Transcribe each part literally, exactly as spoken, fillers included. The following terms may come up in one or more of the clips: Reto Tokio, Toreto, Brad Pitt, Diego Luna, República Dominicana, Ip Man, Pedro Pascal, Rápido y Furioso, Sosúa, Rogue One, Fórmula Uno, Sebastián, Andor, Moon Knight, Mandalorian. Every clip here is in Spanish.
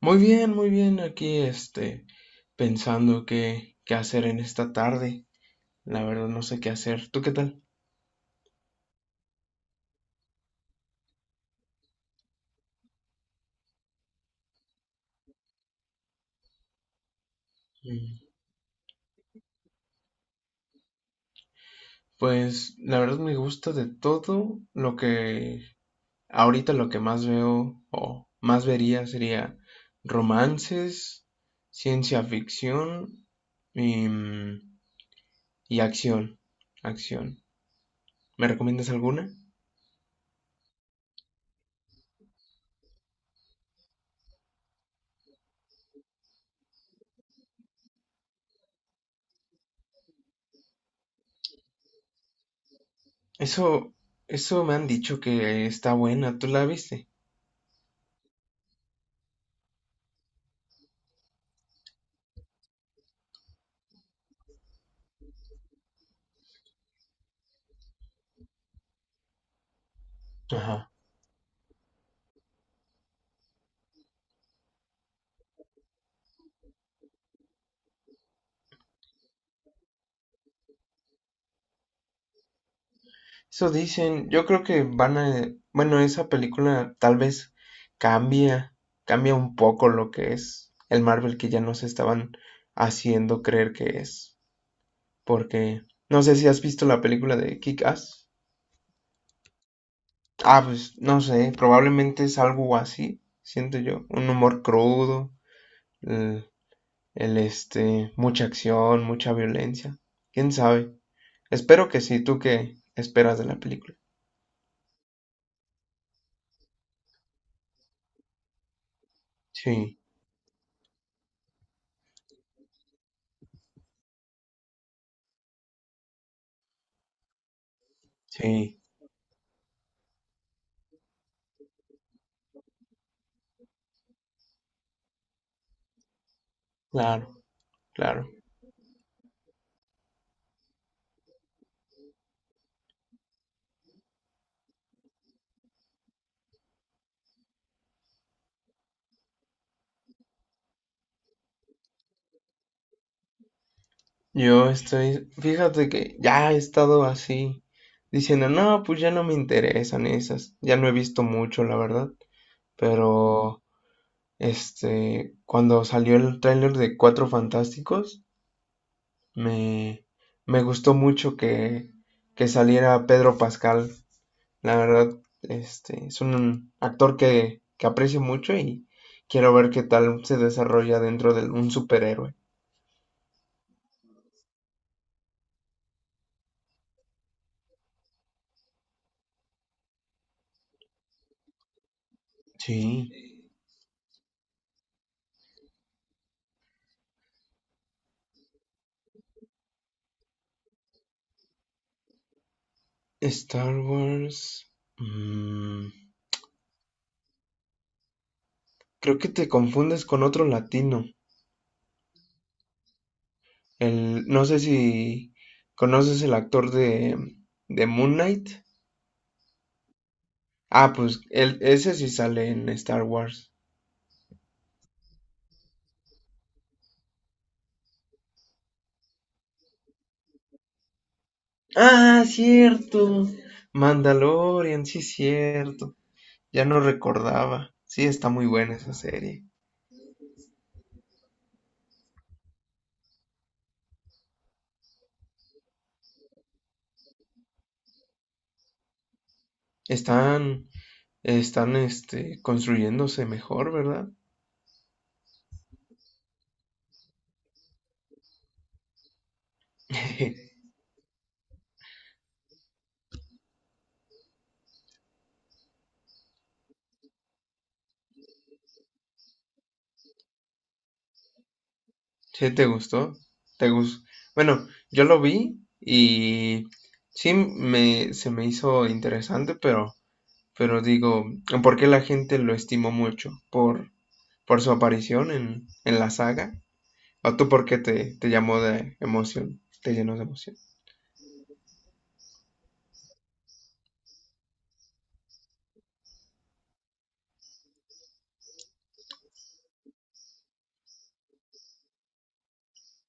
Muy bien, muy bien. Aquí, este, pensando qué, qué hacer en esta tarde. La verdad no sé qué hacer. ¿Tú qué tal? Mm. Pues la verdad me gusta de todo lo que ahorita lo que más veo o más vería sería romances, ciencia ficción y, mm, y acción. Acción. ¿Me recomiendas alguna? Eso, eso me han dicho que está buena. ¿Tú la viste? Ajá. Eso dicen. Yo creo que van a... Bueno, esa película tal vez cambia, cambia un poco lo que es el Marvel que ya nos estaban haciendo creer que es. Porque no sé si has visto la película de Kick-Ass. Ah, pues no sé, probablemente es algo así, siento yo. Un humor crudo, el, el, este, mucha acción, mucha violencia. ¿Quién sabe? Espero que sí. ¿Tú qué esperas de la película? Sí, sí, claro, claro. Yo estoy, fíjate que ya he estado así diciendo, no, pues ya no me interesan esas, ya no he visto mucho, la verdad, pero este, cuando salió el tráiler de Cuatro Fantásticos, me, me gustó mucho que, que saliera Pedro Pascal, la verdad, este, es un actor que, que aprecio mucho y quiero ver qué tal se desarrolla dentro de un superhéroe. Sí, Star Wars. mm, Creo que te confundes con otro latino. El, no sé si conoces el actor de, de Moon Knight. Ah, pues él, ese sí sale en Star Wars. Ah, cierto. Mandalorian, sí, cierto. Ya no recordaba. Sí, está muy buena esa serie. Están, están, este, construyéndose mejor, ¿verdad? ¿Sí te gustó? ¿Te gus- Bueno, yo lo vi y sí me, se me hizo interesante, pero, pero digo, ¿por qué la gente lo estimó mucho? ¿Por, por su aparición en, en la saga? ¿O tú por qué te, te llamó de emoción? ¿Te llenó de emoción?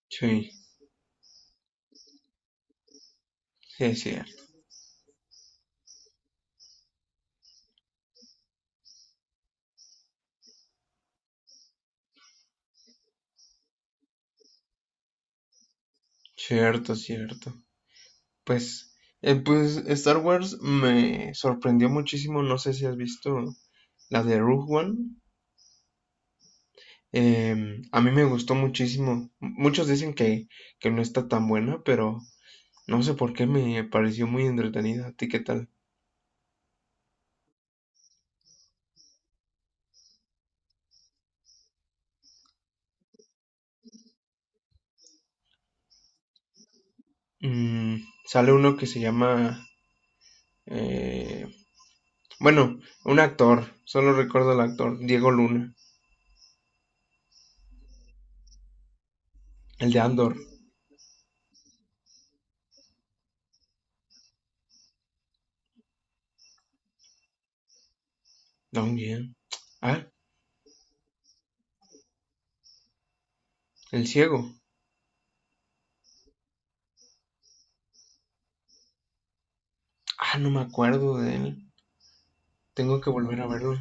Sí, sí, es cierto, cierto, cierto. Pues, eh, pues Star Wars me sorprendió muchísimo. No sé si has visto la de Rogue One. Em, a mí me gustó muchísimo. Muchos dicen que, que no está tan buena, pero no sé por qué me pareció muy entretenida. ¿A ti qué tal? Mm, sale uno que se llama... eh, bueno, un actor. Solo recuerdo al actor. Diego Luna. El de Andor. También. Ah, el ciego. Ah, no me acuerdo de él. Tengo que volver a verlo.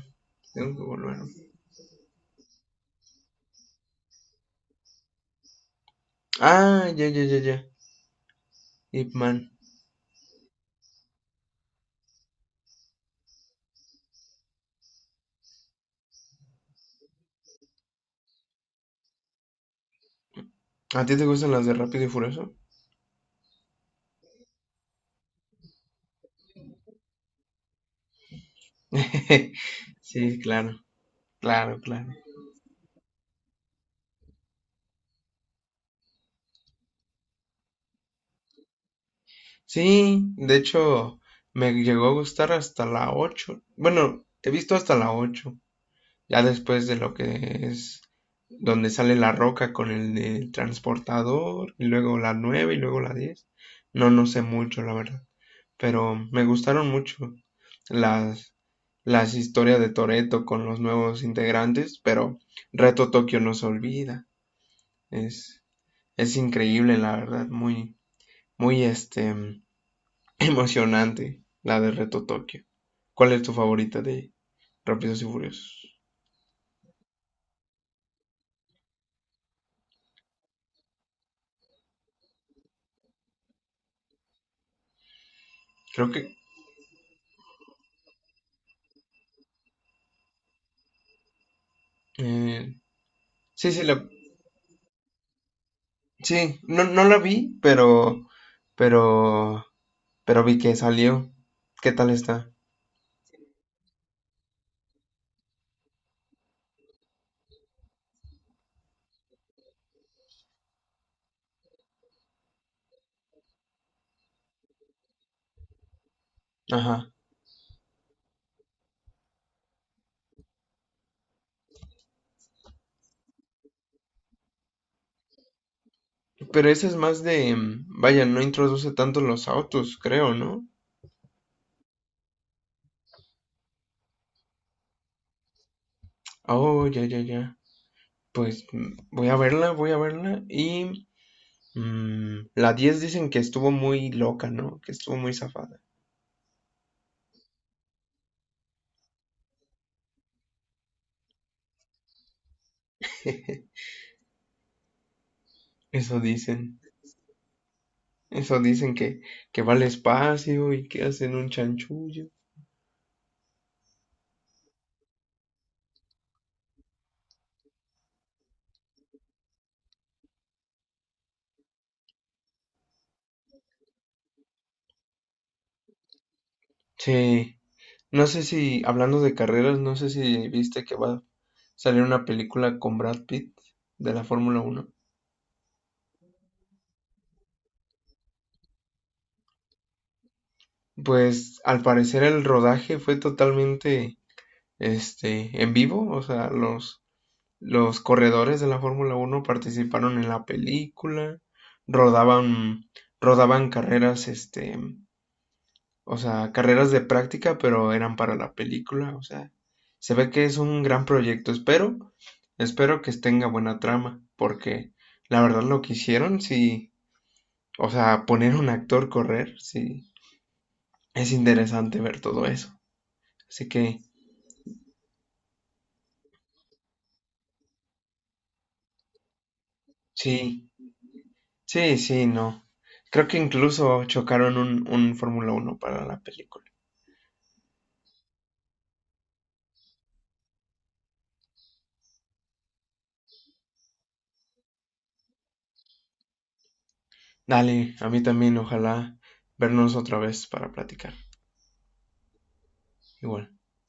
Tengo que volver. a- verlo. Ah, ya, ya, ya, ya. Ip Man. ¿A ti te gustan las de Rápido y Furioso? Sí, claro. Claro, claro. Sí, de hecho, me llegó a gustar hasta la ocho. Bueno, he visto hasta la ocho. Ya después de lo que es donde sale la roca con el, del transportador, y luego la nueve y luego la diez. No, no sé mucho, la verdad. Pero me gustaron mucho las, las historias de Toreto con los nuevos integrantes, pero Reto Tokio no se olvida. Es, es increíble, la verdad. Muy, muy este emocionante la de Reto Tokio. ¿Cuál es tu favorita de Rápidos y Furiosos? Creo que eh, sí, sí la sí, no, no la vi, pero pero pero vi que salió. ¿Qué tal está? Ajá. Pero esa es más de mm, vaya, no introduce tanto los autos, creo, ¿no? Oh, ya, ya, ya. Pues mm, voy a verla, voy a verla y mm, la diez dicen que estuvo muy loca, ¿no? Que estuvo muy zafada. Eso dicen. Eso dicen que, que va al espacio y que hacen un chanchullo. Sí, no sé si, hablando de carreras, no sé si viste que va a salir una película con Brad Pitt de la Fórmula Uno. Pues al parecer el rodaje fue totalmente este, en vivo, o sea, los, los corredores de la Fórmula Uno participaron en la película, rodaban, rodaban carreras este, o sea, carreras de práctica, pero eran para la película. O sea, se ve que es un gran proyecto. Espero, espero que tenga buena trama, porque la verdad lo que hicieron, sí, o sea, poner un actor correr, sí, es interesante ver todo eso. Así que, sí, sí, sí, no. Creo que incluso chocaron un, un Fórmula uno para la película. Dale, a mí también, ojalá vernos otra vez para platicar. Igual.